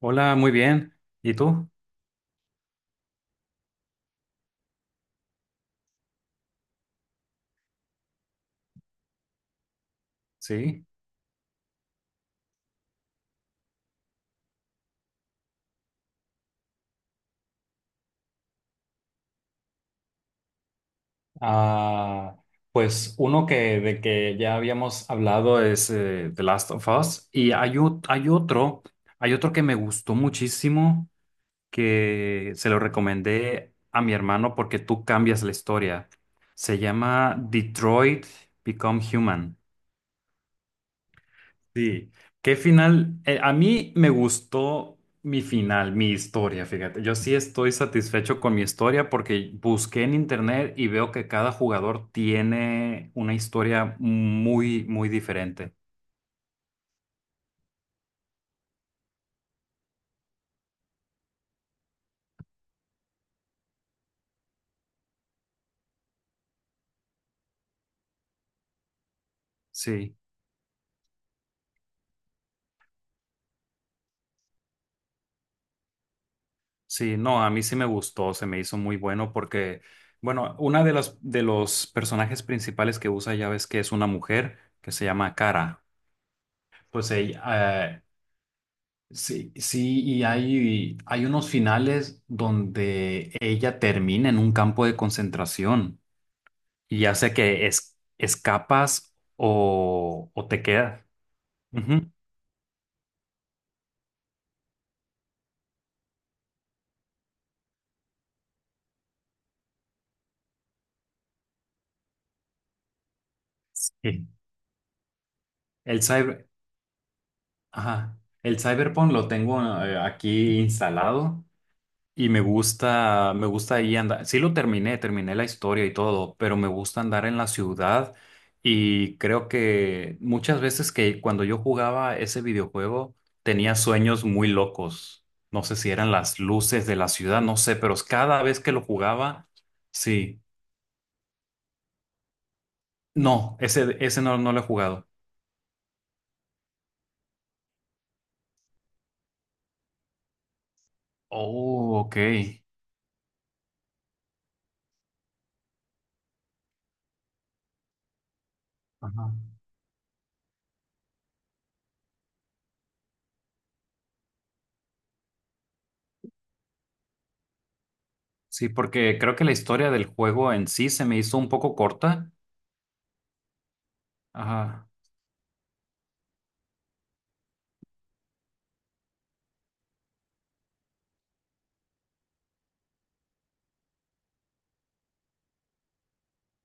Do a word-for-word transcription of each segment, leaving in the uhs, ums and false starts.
Hola, muy bien. ¿Y tú? Sí. Ah, pues uno que de que ya habíamos hablado es eh, The Last of Us, y hay, o- hay otro, hay otro que me gustó muchísimo, que se lo recomendé a mi hermano porque tú cambias la historia. Se llama Detroit Become Human. Sí, qué final. eh, a mí me gustó mi final, mi historia, fíjate. Yo sí estoy satisfecho con mi historia porque busqué en internet y veo que cada jugador tiene una historia muy, muy diferente. Sí, sí, no, a mí sí me gustó, se me hizo muy bueno porque, bueno, una de las de los personajes principales que usa ya ves que es una mujer que se llama Cara. Pues ella. eh, Sí, sí, y hay, hay unos finales donde ella termina en un campo de concentración, y ya sea que es, escapas o, o te quedas. Ujú. Sí. El cyber, ajá. El cyberpunk lo tengo, eh, aquí instalado. Y me gusta, me gusta ahí andar. Sí lo terminé, terminé la historia y todo, pero me gusta andar en la ciudad, y creo que muchas veces que cuando yo jugaba ese videojuego tenía sueños muy locos. No sé si eran las luces de la ciudad, no sé, pero cada vez que lo jugaba, sí. No, ese, ese no, no lo he jugado. Oh, ok. Ajá. Sí, porque creo que la historia del juego en sí se me hizo un poco corta. Ajá.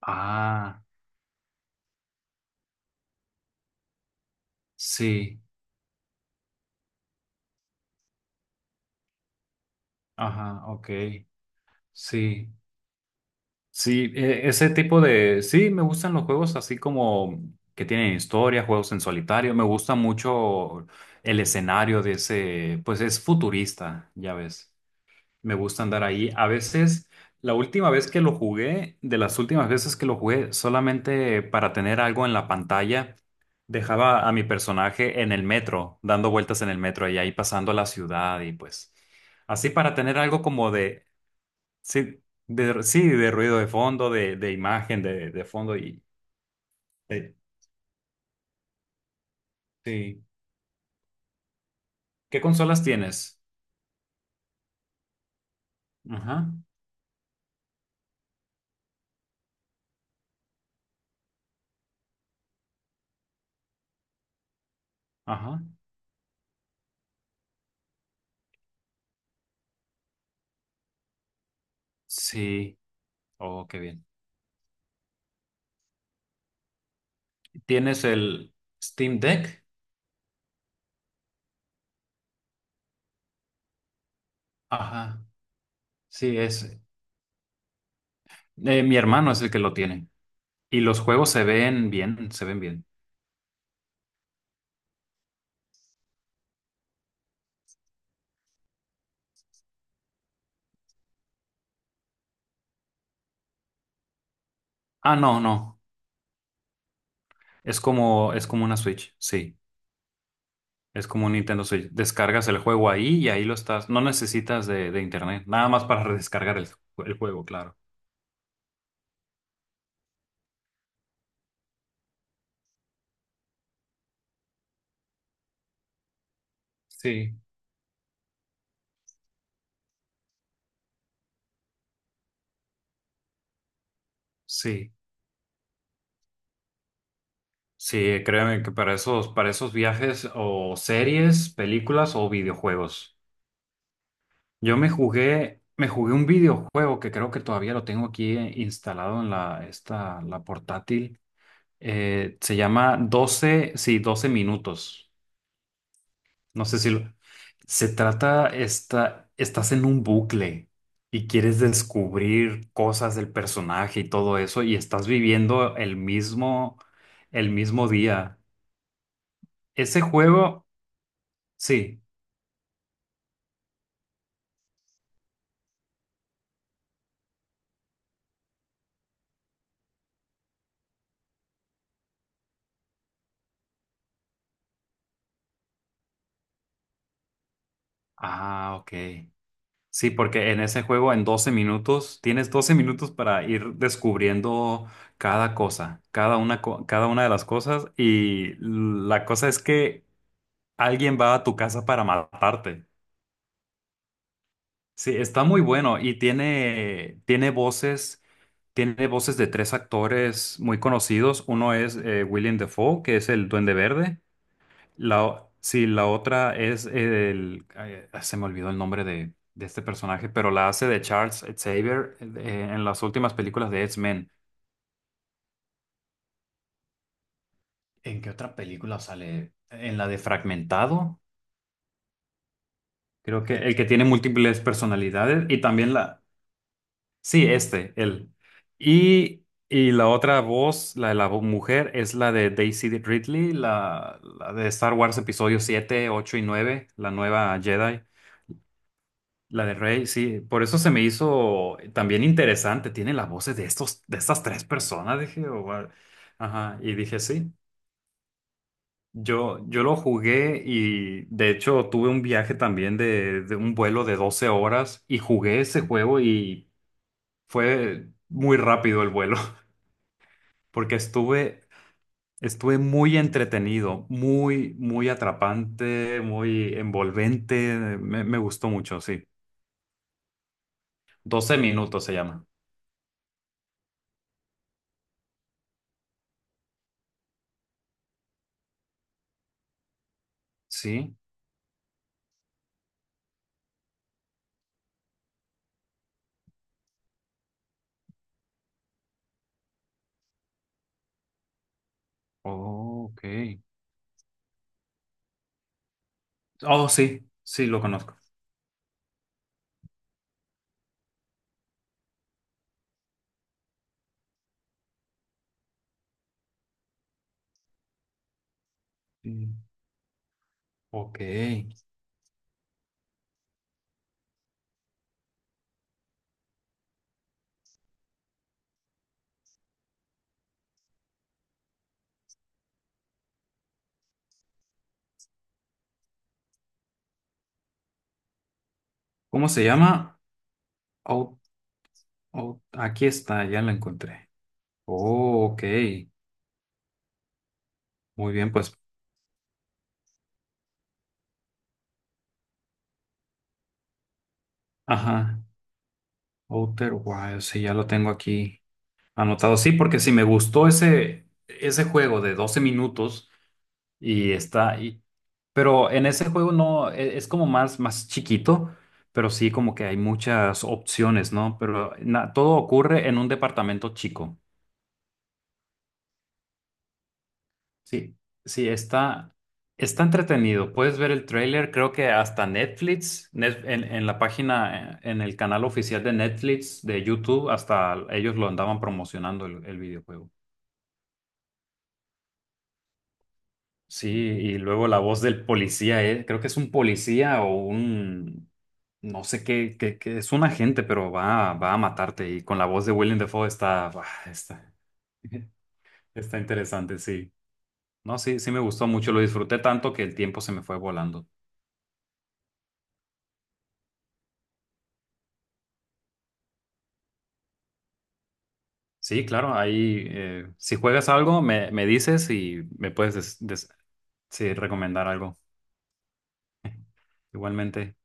Ah, sí. Ajá, ok. Sí, sí, e- ese tipo de. Sí, me gustan los juegos así como que tienen historia, juegos en solitario. Me gusta mucho el escenario de ese, pues es futurista, ya ves. Me gusta andar ahí. A veces, la última vez que lo jugué, de las últimas veces que lo jugué, solamente para tener algo en la pantalla, dejaba a mi personaje en el metro, dando vueltas en el metro y ahí pasando la ciudad y pues. Así para tener algo como de. Sí, de, sí, de ruido de fondo, de, de imagen, de, de fondo y. eh, sí. ¿Qué consolas tienes? Ajá, ajá. Sí. Oh, qué bien. ¿Tienes el Steam Deck? Ajá. Sí, es. Eh, mi hermano es el que lo tiene. Y los juegos se ven bien, se ven bien. Ah, no, no. Es como, es como una Switch, sí. Es como un Nintendo Switch. Descargas el juego ahí y ahí lo estás. No necesitas de, de internet. Nada más para descargar el, el juego, claro. Sí, sí. Sí, créeme que para esos, para esos viajes, o series, películas o videojuegos. Yo me jugué, me jugué un videojuego que creo que todavía lo tengo aquí, eh, instalado en la, esta, la portátil. Eh, se llama doce sí, doce minutos. No sé si lo- se trata, esta, estás en un bucle y quieres descubrir cosas del personaje y todo eso, y estás viviendo el mismo, el mismo día. Ese juego, sí. Ah, ok. Sí, porque en ese juego, en doce minutos tienes doce minutos para ir descubriendo cada cosa, cada una, co- cada una de las cosas, y la cosa es que alguien va a tu casa para matarte. Sí, está muy bueno y tiene, tiene voces, tiene voces de tres actores muy conocidos. Uno es eh, William Dafoe, que es el Duende Verde. La, o- sí, la otra es el, ay, se me olvidó el nombre de, de este personaje, pero la hace de Charles Xavier eh, en las últimas películas de X-Men. ¿En qué otra película sale? En la de Fragmentado, creo que el que tiene múltiples personalidades, y también la, sí, este, él. Y, y la otra voz, la de la vo- mujer, es la de Daisy Ridley, la, la de Star Wars episodio siete ocho y nueve, la nueva Jedi. La de Rey, sí, por eso se me hizo también interesante. Tiene las voces de estos, de estas tres personas, dije, "Oh, wow". Ajá, y dije, sí, yo, yo lo jugué, y de hecho tuve un viaje también de, de un vuelo de doce horas, y jugué ese juego y fue muy rápido el vuelo. Porque estuve, estuve muy entretenido, muy, muy atrapante, muy envolvente, me, me gustó mucho, sí. Doce minutos se llama, sí. Oh, ok. Oh, sí, sí, lo conozco. Sí. Ok. ¿Cómo se llama? Au- au- Aquí está, ya la encontré. Oh, ok. Muy bien, pues. Ajá. Outer Wilds, sí, ya lo tengo aquí anotado. Sí, porque sí me gustó ese, ese juego de doce minutos, y está ahí. Pero en ese juego no, e- es como más, más chiquito, pero sí, como que hay muchas opciones, ¿no? Pero na- todo ocurre en un departamento chico. Sí, sí, está, está entretenido. Puedes ver el tráiler, creo que hasta Netflix, net- en, en, la página, eh, en el canal oficial de Netflix, de YouTube, hasta ellos lo andaban promocionando el, el videojuego. Sí, y luego la voz del policía, eh, creo que es un policía o un, no sé, qué, qué, qué- es un agente, pero va, a- va a matarte. Y con la voz de Willem Dafoe está, bah, está, está interesante, sí. No, sí, sí me gustó mucho, lo disfruté tanto que el tiempo se me fue volando. Sí, claro, ahí, eh, si juegas algo, me, me dices y me puedes des- des- sí, recomendar algo. Igualmente.